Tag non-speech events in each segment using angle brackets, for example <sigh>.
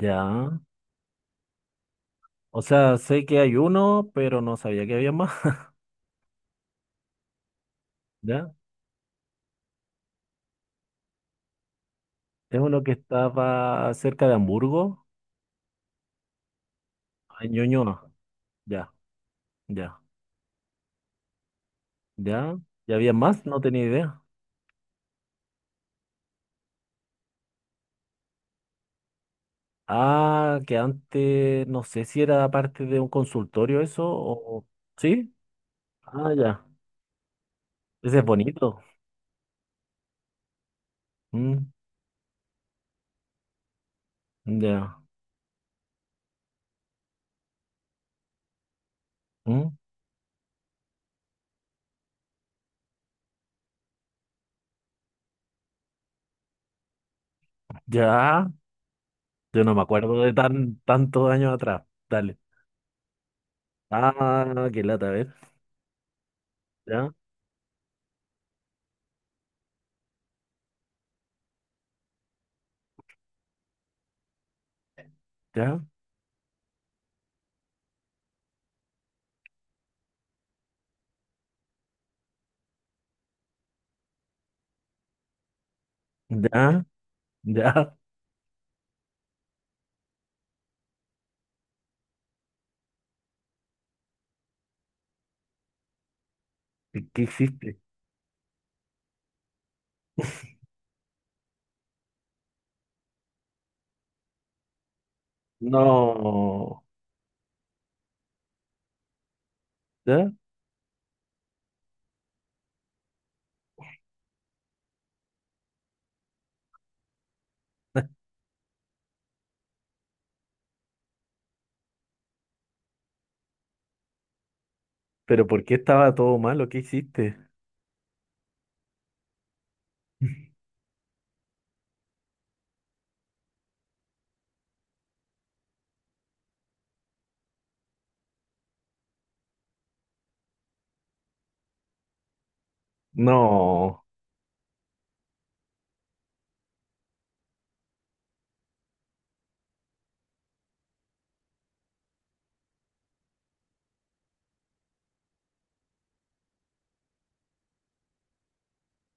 Ya. O sea, sé que hay uno, pero no sabía que había más. <laughs> Ya. Es uno que estaba cerca de Hamburgo, en Ñuñoa. Ya, ya, ya. ¿Ya había más? No tenía idea. Ah, que antes no sé si era parte de un consultorio eso o... ¿Sí? Ah, ya. Ese es bonito. Mm, ya. Mm, ya. Yo no me acuerdo de tantos años atrás. Dale. Ah, qué lata, a ver. Ya, ya, ya, ya. <laughs> ¿Qué hiciste? No, ¿ya? <laughs> ¿Pero por qué estaba todo malo? ¿Qué hiciste? <laughs> No,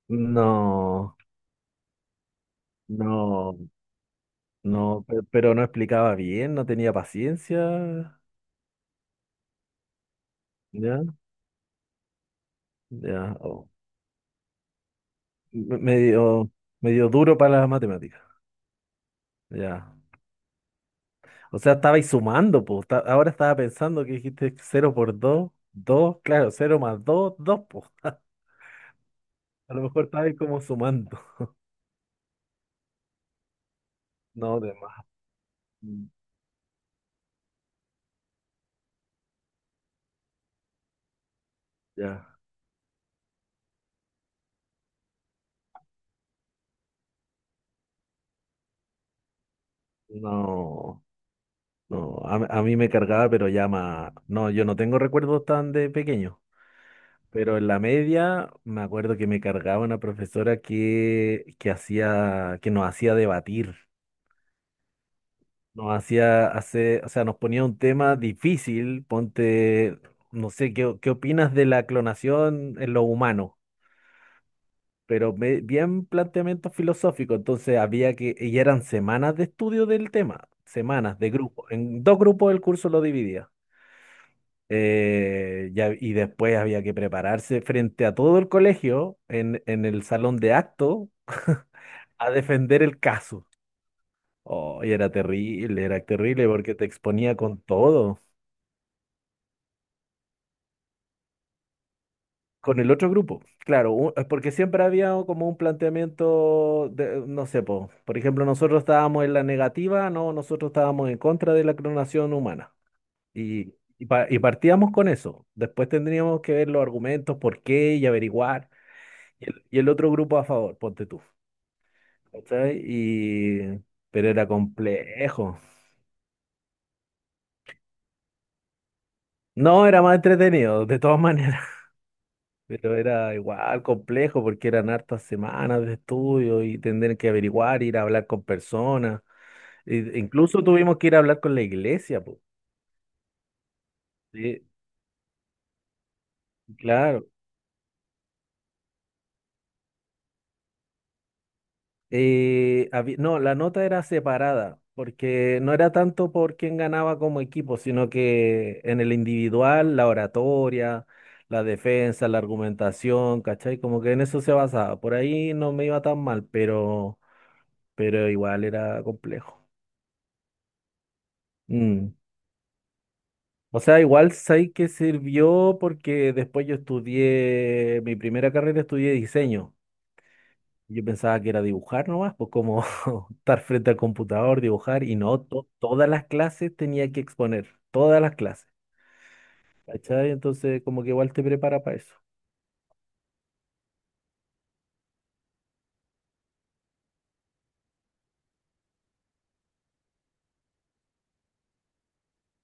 no, no, no, pero no explicaba bien, no tenía paciencia, ya, ya, oh, medio, medio duro para las matemáticas, ya. O sea, estabais sumando, pues, ahora estaba pensando que dijiste cero por 2, 2. Claro, cero más 2, dos, pues. <laughs> A lo mejor estabais como sumando, no, de más, ya, no. No, a mí me cargaba, pero ya más. No, yo no tengo recuerdos tan de pequeño, pero en la media me acuerdo que me cargaba una profesora que, que nos hacía debatir, nos hacía hacer, o sea, nos ponía un tema difícil, ponte, no sé, ¿qué, qué opinas de la clonación en lo humano? Pero bien planteamiento filosófico, entonces había que, y eran semanas de estudio del tema, semanas de grupo, en dos grupos el curso lo dividía. Y después había que prepararse frente a todo el colegio en el salón de acto <laughs> a defender el caso. Oh, y era terrible porque te exponía con todo, con el otro grupo. Claro, es porque siempre había o como un planteamiento de, no sé, po, por ejemplo, nosotros estábamos en la negativa, no, nosotros estábamos en contra de la clonación humana. Y, y partíamos con eso. Después tendríamos que ver los argumentos, por qué y averiguar. Y el otro grupo a favor, ponte tú. ¿Cachai? Y... Pero era complejo. No, era más entretenido, de todas maneras. <laughs> Pero era igual complejo porque eran hartas semanas de estudio y tener que averiguar, ir a hablar con personas. Incluso tuvimos que ir a hablar con la iglesia, pues. Sí, claro. No, la nota era separada, porque no era tanto por quién ganaba como equipo, sino que en el individual, la oratoria, la defensa, la argumentación, ¿cachai? Como que en eso se basaba. Por ahí no me iba tan mal, pero igual era complejo. Mm. O sea, igual sé que sirvió porque después mi primera carrera estudié diseño. Yo pensaba que era dibujar nomás, pues, como <laughs> estar frente al computador, dibujar, y no, todas las clases tenía que exponer, todas las clases, ¿cachai? Entonces, como que igual te prepara para eso.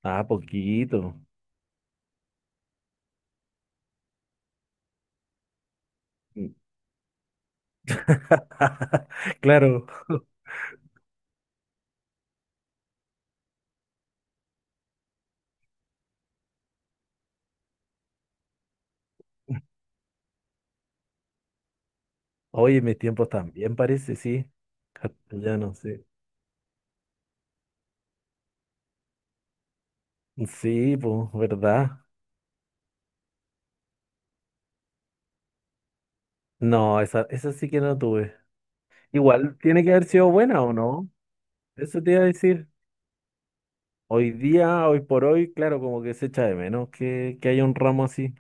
Ah, poquito. Mm. <laughs> Claro. Oye, mis tiempos también parece, sí. Castellano, sí. Sí, pues, ¿verdad? No, esa sí que no tuve. Igual tiene que haber sido buena o no. Eso te iba a decir. Hoy día, hoy por hoy, claro, como que se echa de menos que haya un ramo así.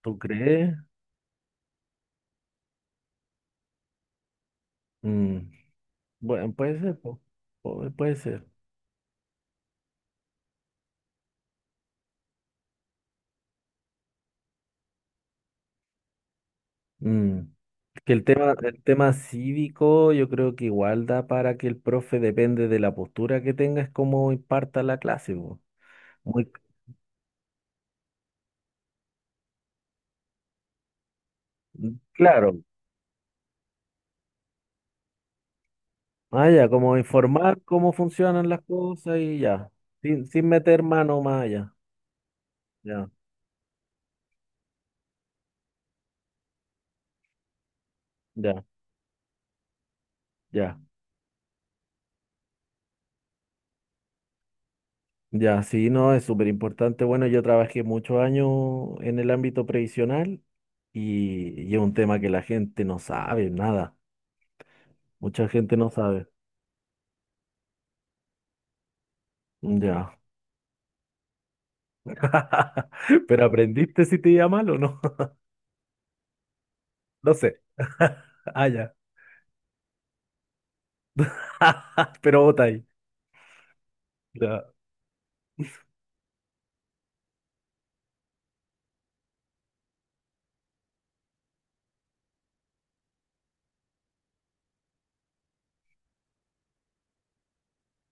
¿Tú crees? Mm, bueno, puede ser, po- puede ser. Mm, que el tema cívico, yo creo que igual da para que el profe, depende de la postura que tenga, es cómo imparta la clase, po. Muy claro. Ah, ya, como informar cómo funcionan las cosas y ya. Sin, sin meter mano más allá. Ya, ya, ya. Ya, sí, no, es súper importante. Bueno, yo trabajé muchos años en el ámbito previsional y es un tema que la gente no sabe nada. Mucha gente no sabe. Ya. <laughs> Pero aprendiste si te iba mal o no. <laughs> No sé. <laughs> Ah, ya. <laughs> Pero vota ahí. Ya.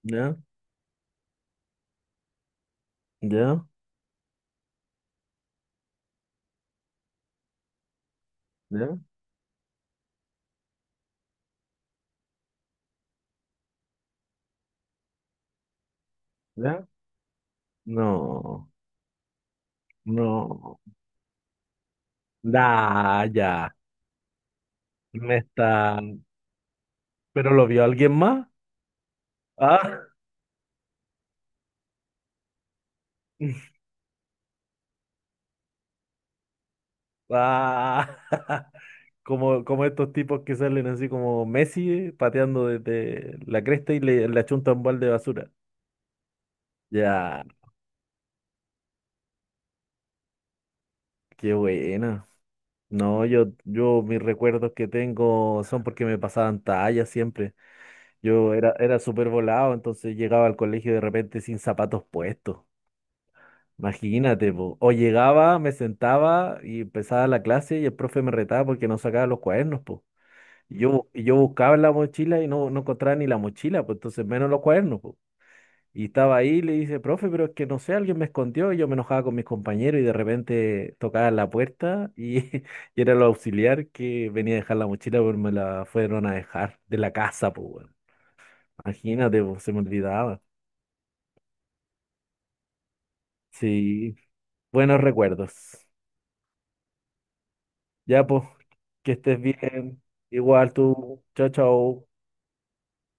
Ya. Ya. Ya. Ya. No. No. Da, ya. Me está. ¿Pero lo vio alguien más? Ah. <laughs> Ah. <laughs> Como, como estos tipos que salen así como Messi, pateando desde la cresta y le achunta un balde de basura. Ya, qué buena. No, yo mis recuerdos que tengo son porque me pasaban tallas siempre. Yo era, era súper volado, entonces llegaba al colegio de repente sin zapatos puestos. Imagínate, po. O llegaba, me sentaba y empezaba la clase y el profe me retaba porque no sacaba los cuadernos, po. Y yo buscaba en la mochila y no, no encontraba ni la mochila, pues entonces menos los cuadernos, y estaba ahí y le dice, profe, pero es que no sé, alguien me escondió y yo me enojaba con mis compañeros y de repente tocaba la puerta y, <laughs> y era el auxiliar que venía a dejar la mochila, pero me la fueron a dejar de la casa, pues, weón. Imagínate, pues, se me olvidaba. Sí, buenos recuerdos. Ya, pues, que estés bien. Igual tú, chao, chao.